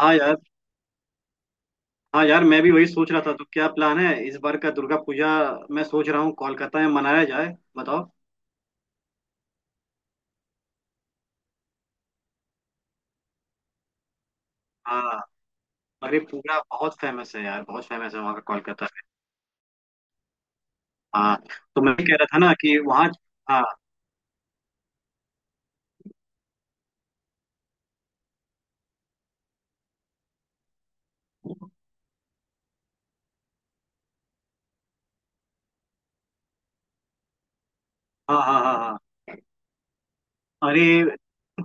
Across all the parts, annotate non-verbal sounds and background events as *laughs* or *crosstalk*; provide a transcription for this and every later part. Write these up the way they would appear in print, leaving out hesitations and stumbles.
हाँ यार। हाँ यार, मैं भी वही सोच रहा था। तो क्या प्लान है इस बार का दुर्गा पूजा? मैं सोच रहा हूँ कोलकाता में मनाया जाए। बताओ। हाँ। अरे पूरा बहुत फेमस है यार, बहुत फेमस है वहाँ का कोलकाता में। हाँ, तो मैं भी कह रहा था ना कि वहाँ। हाँ हाँ हाँ हाँ। हाँ। अरे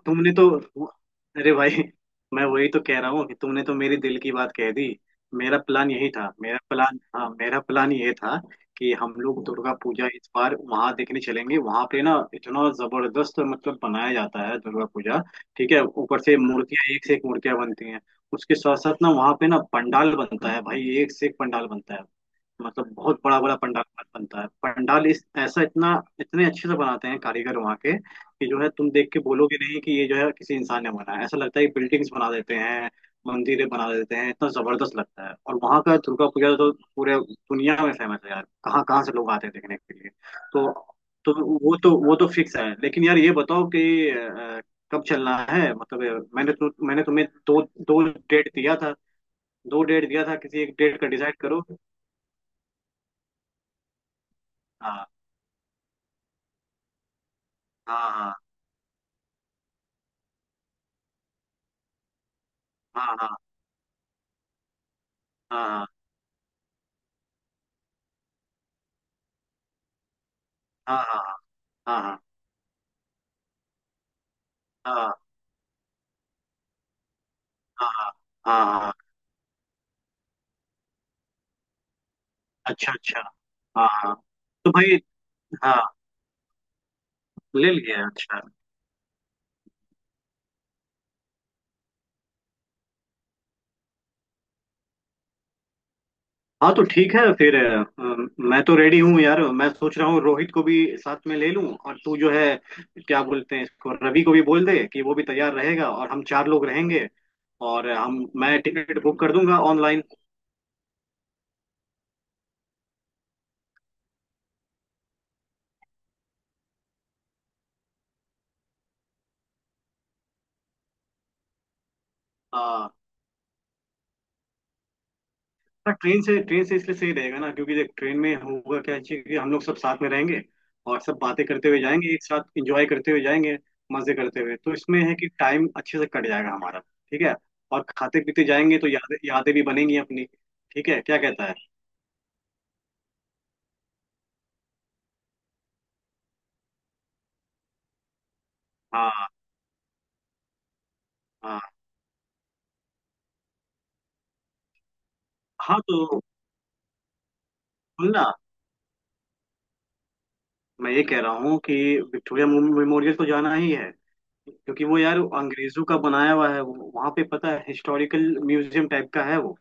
तुमने तो अरे भाई, मैं वही तो कह रहा हूँ कि तुमने तो मेरे दिल की बात कह दी। मेरा प्लान यही था मेरा प्लान हाँ, मेरा प्लान ये था कि हम लोग दुर्गा पूजा इस बार वहां देखने चलेंगे। वहां पे ना इतना जबरदस्त मतलब बनाया जाता है दुर्गा पूजा। ठीक है? ऊपर से मूर्तियां, एक से एक मूर्तियां बनती हैं। उसके साथ साथ ना वहां पे ना पंडाल बनता है भाई, एक से एक पंडाल बनता है। मतलब बहुत बड़ा बड़ा पंडाल मत बनता है, पंडाल इस ऐसा इतना इतने अच्छे से बनाते हैं कारीगर वहाँ के कि जो है तुम देख के बोलोगे नहीं कि ये जो है किसी इंसान ने बनाया है। ऐसा लगता है कि बिल्डिंग्स बना देते हैं, मंदिरें बना देते हैं, इतना जबरदस्त लगता है। और वहाँ का दुर्गा पूजा तो पूरे दुनिया में फेमस है यार, कहाँ कहाँ से लोग आते हैं देखने के लिए। तो तो वो तो फिक्स है। लेकिन यार ये बताओ कि कब चलना है? मतलब मैंने तुम्हें दो दो डेट दिया था। दो डेट दिया था, किसी एक डेट का डिसाइड करो। हाँ हाँ हाँ हाँ हाँ हाँ हाँ हाँ हाँ हाँ हाँ हाँ हाँ हाँ, हाँ, अच्छा अच्छा। हाँ हाँ। तो भाई, हाँ, ले लिया? अच्छा। हाँ तो ठीक है फिर मैं तो रेडी हूँ यार। मैं सोच रहा हूँ रोहित को भी साथ में ले लूँ, और तू जो है क्या बोलते हैं इसको, रवि को भी बोल दे कि वो भी तैयार रहेगा और हम चार लोग रहेंगे। और हम मैं टिकट बुक कर दूंगा ऑनलाइन। हाँ, ट्रेन से इसलिए सही रहेगा ना क्योंकि देख ट्रेन में होगा क्या चीज कि हम लोग सब साथ में रहेंगे और सब बातें करते हुए जाएंगे, एक साथ एंजॉय करते हुए जाएंगे, मजे करते हुए। तो इसमें है कि टाइम अच्छे से कट जाएगा हमारा। ठीक है। और खाते पीते जाएंगे तो यादें यादें भी बनेंगी अपनी। ठीक है, क्या कहता है? हाँ हाँ हाँ। तो बोलना, मैं ये कह रहा हूँ कि विक्टोरिया मेमोरियल तो जाना ही है, क्योंकि वो यार अंग्रेजों का बनाया हुआ है। वहाँ पे पता है हिस्टोरिकल म्यूजियम टाइप का है वो।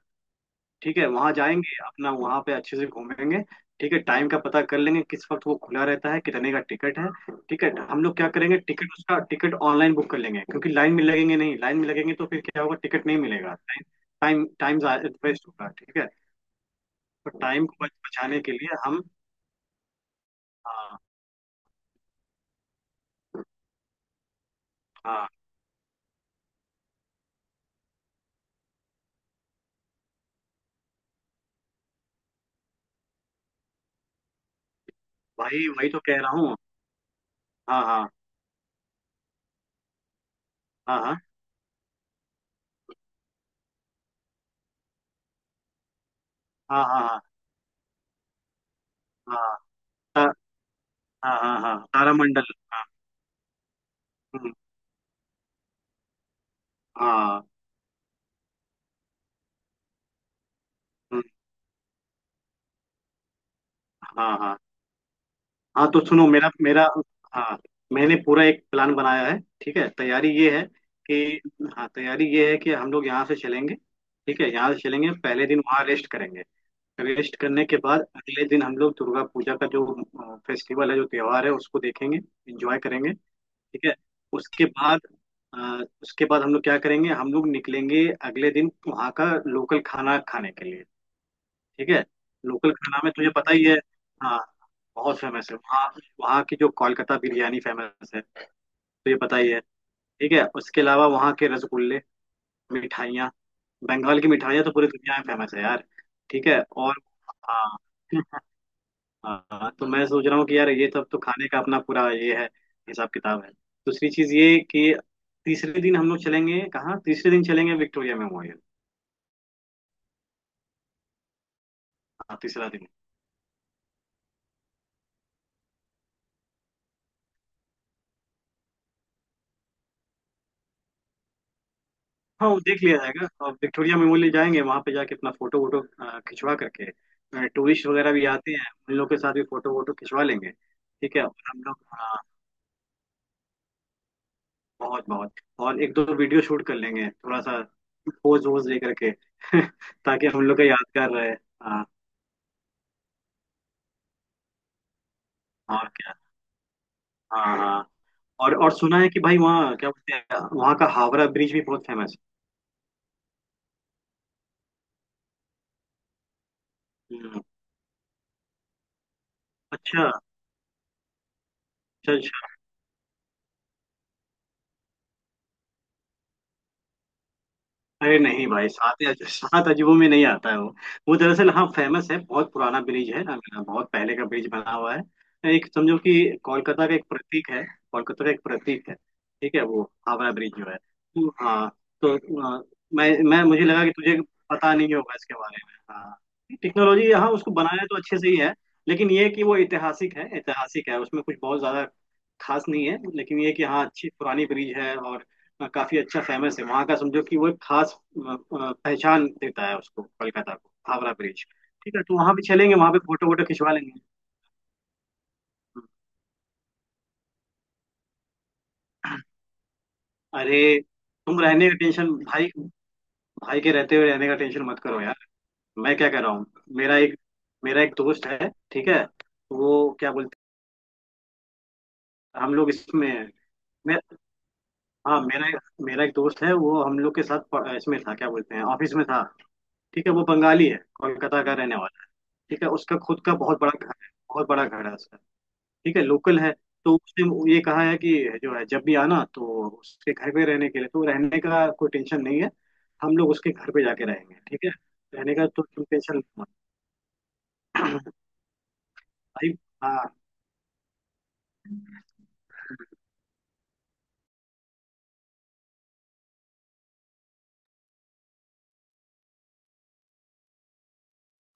ठीक है, वहां जाएंगे अपना, वहां पे अच्छे से घूमेंगे। ठीक है, टाइम का पता कर लेंगे किस वक्त वो खुला रहता है, कितने का टिकट है। ठीक है, हम लोग क्या करेंगे टिकट, उसका टिकट ऑनलाइन बुक कर लेंगे क्योंकि लाइन में लगेंगे नहीं। लाइन में लगेंगे तो फिर क्या होगा, टिकट नहीं मिलेगा। टाइम टाइम वेस्ट होगा। ठीक है, तो टाइम को बचाने के लिए हम। हाँ हाँ। भाई वही तो कह रहा हूँ। हाँ हाँ हाँ हाँ हाँ हाँ हाँ हाँ। ता- हाँ हाँ हाँ, तारामंडल। हाँ। हम्म। हाँ। हम्म। हाँ हाँ हाँ। तो सुनो, मेरा मेरा हाँ, मैंने पूरा एक प्लान बनाया है। ठीक है, तैयारी ये है कि हाँ, तैयारी ये है कि हम लोग यहाँ से चलेंगे। ठीक है, यहाँ से चलेंगे, पहले दिन वहाँ रेस्ट करेंगे। रेस्ट करने के बाद अगले दिन हम लोग दुर्गा पूजा का जो फेस्टिवल है, जो त्योहार है, उसको देखेंगे, एंजॉय करेंगे। ठीक है, उसके बाद उसके बाद हम लोग क्या करेंगे, हम लोग निकलेंगे अगले दिन वहाँ का लोकल खाना खाने के लिए। ठीक है, लोकल खाना में तुझे पता ही है। हाँ, बहुत फेमस है वहाँ। वहाँ की जो कोलकाता बिरयानी फेमस है तो ये पता ही है। ठीक है, उसके अलावा वहाँ के रसगुल्ले, मिठाइयाँ, बंगाल की मिठाइयाँ तो पूरी दुनिया में फेमस है यार। ठीक है। और हाँ हाँ, तो मैं सोच रहा हूँ कि यार ये सब तो खाने का अपना पूरा ये है, हिसाब किताब है। दूसरी चीज ये कि तीसरे दिन हम लोग चलेंगे कहाँ, तीसरे दिन चलेंगे विक्टोरिया मेमोरियल। हाँ, तीसरा दिन। हाँ। वो देख लिया जाएगा, और विक्टोरिया मेमोरियल जाएंगे, वहां पे जाके अपना फोटो वोटो खिंचवा करके, टूरिस्ट वगैरह भी आते हैं उन लोग के साथ भी फोटो वोटो खिंचवा लेंगे। ठीक है, और हम लोग हाँ, बहुत बहुत। और एक दो वीडियो शूट कर लेंगे थोड़ा सा, पोज वोज दे करके *laughs* ताकि हम लोग का यादगार रहे। हाँ, और क्या। हाँ हाँ। और सुना है कि भाई वहाँ क्या बोलते हैं वहाँ का हावड़ा ब्रिज भी बहुत फेमस है। अच्छा अच्छा। अरे नहीं भाई सात या *laughs* सात अजूबों में नहीं आता है वो। वो दरअसल हाँ फेमस है, बहुत पुराना ब्रिज है ना, बहुत पहले का ब्रिज बना हुआ है। एक समझो कि कोलकाता का एक प्रतीक है, कोलकाता का एक प्रतीक है, ठीक है वो हावड़ा ब्रिज जो है। तो, हाँ तो अ, मैं मुझे लगा कि तुझे पता नहीं होगा इसके बारे में। हाँ, टेक्नोलॉजी, हाँ, उसको बनाया तो अच्छे से ही है लेकिन ये कि वो ऐतिहासिक है, ऐतिहासिक है उसमें कुछ बहुत ज्यादा खास नहीं है। लेकिन ये कि हाँ, अच्छी पुरानी ब्रिज है और काफी अच्छा फेमस है वहाँ का। समझो कि वो एक खास पहचान देता है उसको कोलकाता को, हावड़ा ब्रिज। ठीक है, तो वहाँ भी चलेंगे वहाँ पे फोटो वोटो खिंचवा लेंगे। अरे तुम रहने का टेंशन भाई, भाई के रहते हुए रहने का टेंशन मत करो यार। मैं क्या कह रहा हूँ, मेरा एक मेरा एक दोस्त है ठीक है, वो क्या बोलते हैं, हम लोग इसमें, मैं हाँ, मेरा एक दोस्त है, वो हम लोग के साथ इसमें था, क्या बोलते हैं ऑफिस में था। ठीक है, वो बंगाली है, कोलकाता का रहने वाला है। ठीक है, उसका खुद का बहुत बड़ा घर है, बहुत बड़ा घर है। ठीक है, लोकल है। तो उसने ये कहा है कि जो है जब भी आना तो उसके घर पे रहने के लिए, तो रहने का कोई टेंशन नहीं है। हम लोग उसके घर पे जाके रहेंगे। ठीक है, रहने का तो तुम टेंशन मत, भाई। हाँ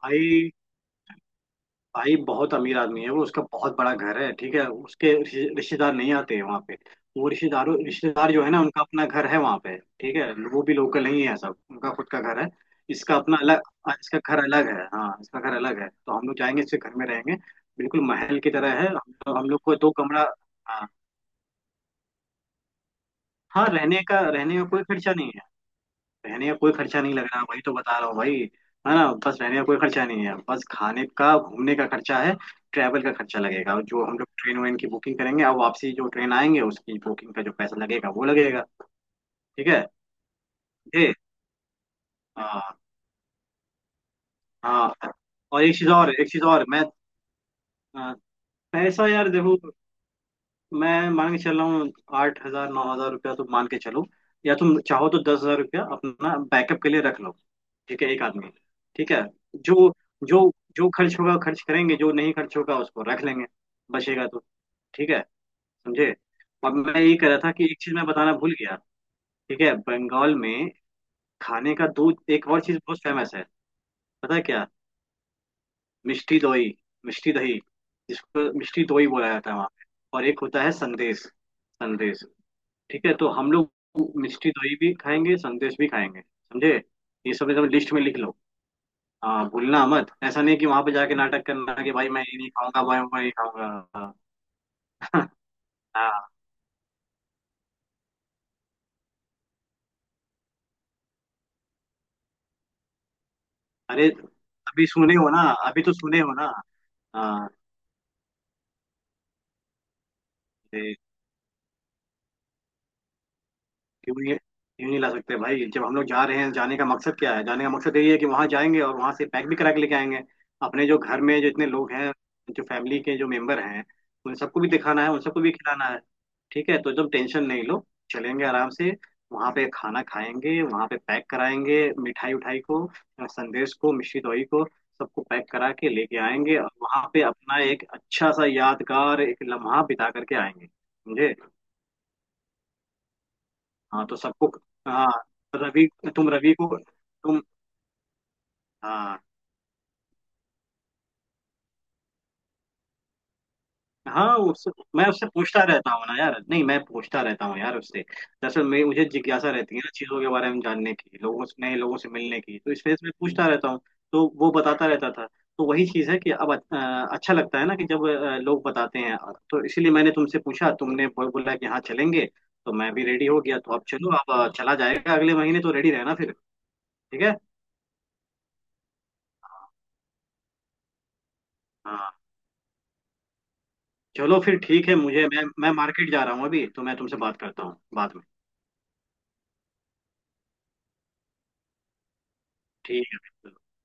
भाई, भाई बहुत अमीर आदमी है वो, उसका बहुत बड़ा घर है। ठीक है, उसके रिश्तेदार नहीं आते हैं वहाँ पे, वो रिश्तेदार जो है ना उनका अपना घर है वहाँ पे। ठीक है, वो भी लोकल नहीं है, सब उनका खुद का घर है। इसका अपना अलग, हाँ, इसका घर अलग है, हाँ, इसका घर अलग है। तो हम लोग जाएंगे इसके घर में रहेंगे, बिल्कुल महल की तरह है। हम लोग को दो कमरा। हाँ हाँ। रहने का कोई खर्चा नहीं, रहने का कोई खर्चा नहीं लग रहा, वही तो बता रहा हूँ भाई। है ना, बस रहने का कोई खर्चा नहीं है, बस खाने का घूमने का खर्चा है, ट्रैवल का खर्चा लगेगा। और जो हम लोग ट्रेन वेन की बुकिंग करेंगे और वापसी जो ट्रेन आएंगे उसकी बुकिंग का जो पैसा लगेगा वो लगेगा। ठीक है, ये हाँ हाँ। और एक चीज, और एक चीज और मैं अ, पैसा यार देखो, मैं मान के चल रहा हूँ 8,000 9,000 रुपया तो मान के चलो, या तुम चाहो तो 10,000 रुपया अपना बैकअप के लिए रख लो। ठीक है, एक आदमी। ठीक है, जो जो जो खर्च होगा खर्च करेंगे, जो नहीं खर्च होगा उसको रख लेंगे, बचेगा तो। ठीक है, समझे। अब मैं ये कह रहा था कि एक चीज मैं बताना भूल गया। ठीक है, बंगाल में खाने का दो एक और चीज बहुत फेमस है, पता है क्या? मिष्टी दोई, मिष्टी दही, जिसको मिष्टी दोई बोला जाता है वहाँ पे। और एक होता है संदेश, संदेश। ठीक है, तो हम लोग मिष्टी दोई भी खाएंगे, संदेश भी खाएंगे। समझे, ये सब एकदम लिस्ट में लिख लो। हाँ, भूलना मत। ऐसा नहीं कि वहां पे जाके नाटक करना कि भाई मैं ये नहीं खाऊंगा, भाई मैं ये खाऊंगा। *laughs* हाँ। अरे, अभी सुने हो ना, अभी तो सुने हो ना। हाँ, क्यों नहीं, क्यों नहीं ला सकते भाई? जब हम लोग जा रहे हैं, जाने का मकसद क्या है, जाने का मकसद यही है कि वहां जाएंगे और वहां से पैक भी करा के लेके आएंगे। अपने जो घर में जो इतने लोग हैं, जो फैमिली के जो मेंबर हैं, उन सबको भी दिखाना है, उन सबको भी खिलाना है। ठीक है, तो एकदम टेंशन नहीं लो, चलेंगे आराम से। वहां पे खाना खाएंगे, वहां पे पैक कराएंगे, मिठाई उठाई को, संदेश को, मिश्री दोई को, सबको पैक करा के लेके आएंगे। और वहां पे अपना एक अच्छा सा यादगार एक लम्हा बिता करके आएंगे, समझे। हाँ तो सबको, हाँ रवि, तुम रवि को तुम हाँ हाँ। उससे मैं उससे पूछता रहता हूँ ना यार, नहीं मैं पूछता रहता हूँ यार उससे दरअसल। मैं मुझे जिज्ञासा रहती है ना चीज़ों के बारे में जानने की, लोगों से नए लोगों से मिलने की, तो इस वजह से मैं पूछता रहता हूँ। तो वो बताता रहता था। तो वही चीज़ है कि अब अच्छा लगता है ना कि जब लोग बताते हैं। तो इसीलिए मैंने तुमसे पूछा, तुमने बोला कि हाँ चलेंगे, तो मैं भी रेडी हो गया। तो अब चलो, अब चला जाएगा अगले महीने। तो रेडी रहना फिर। ठीक है, हाँ। चलो फिर ठीक है, मुझे मैं मार्केट जा रहा हूँ अभी, तो मैं तुमसे बात करता हूँ बाद में। ठीक है।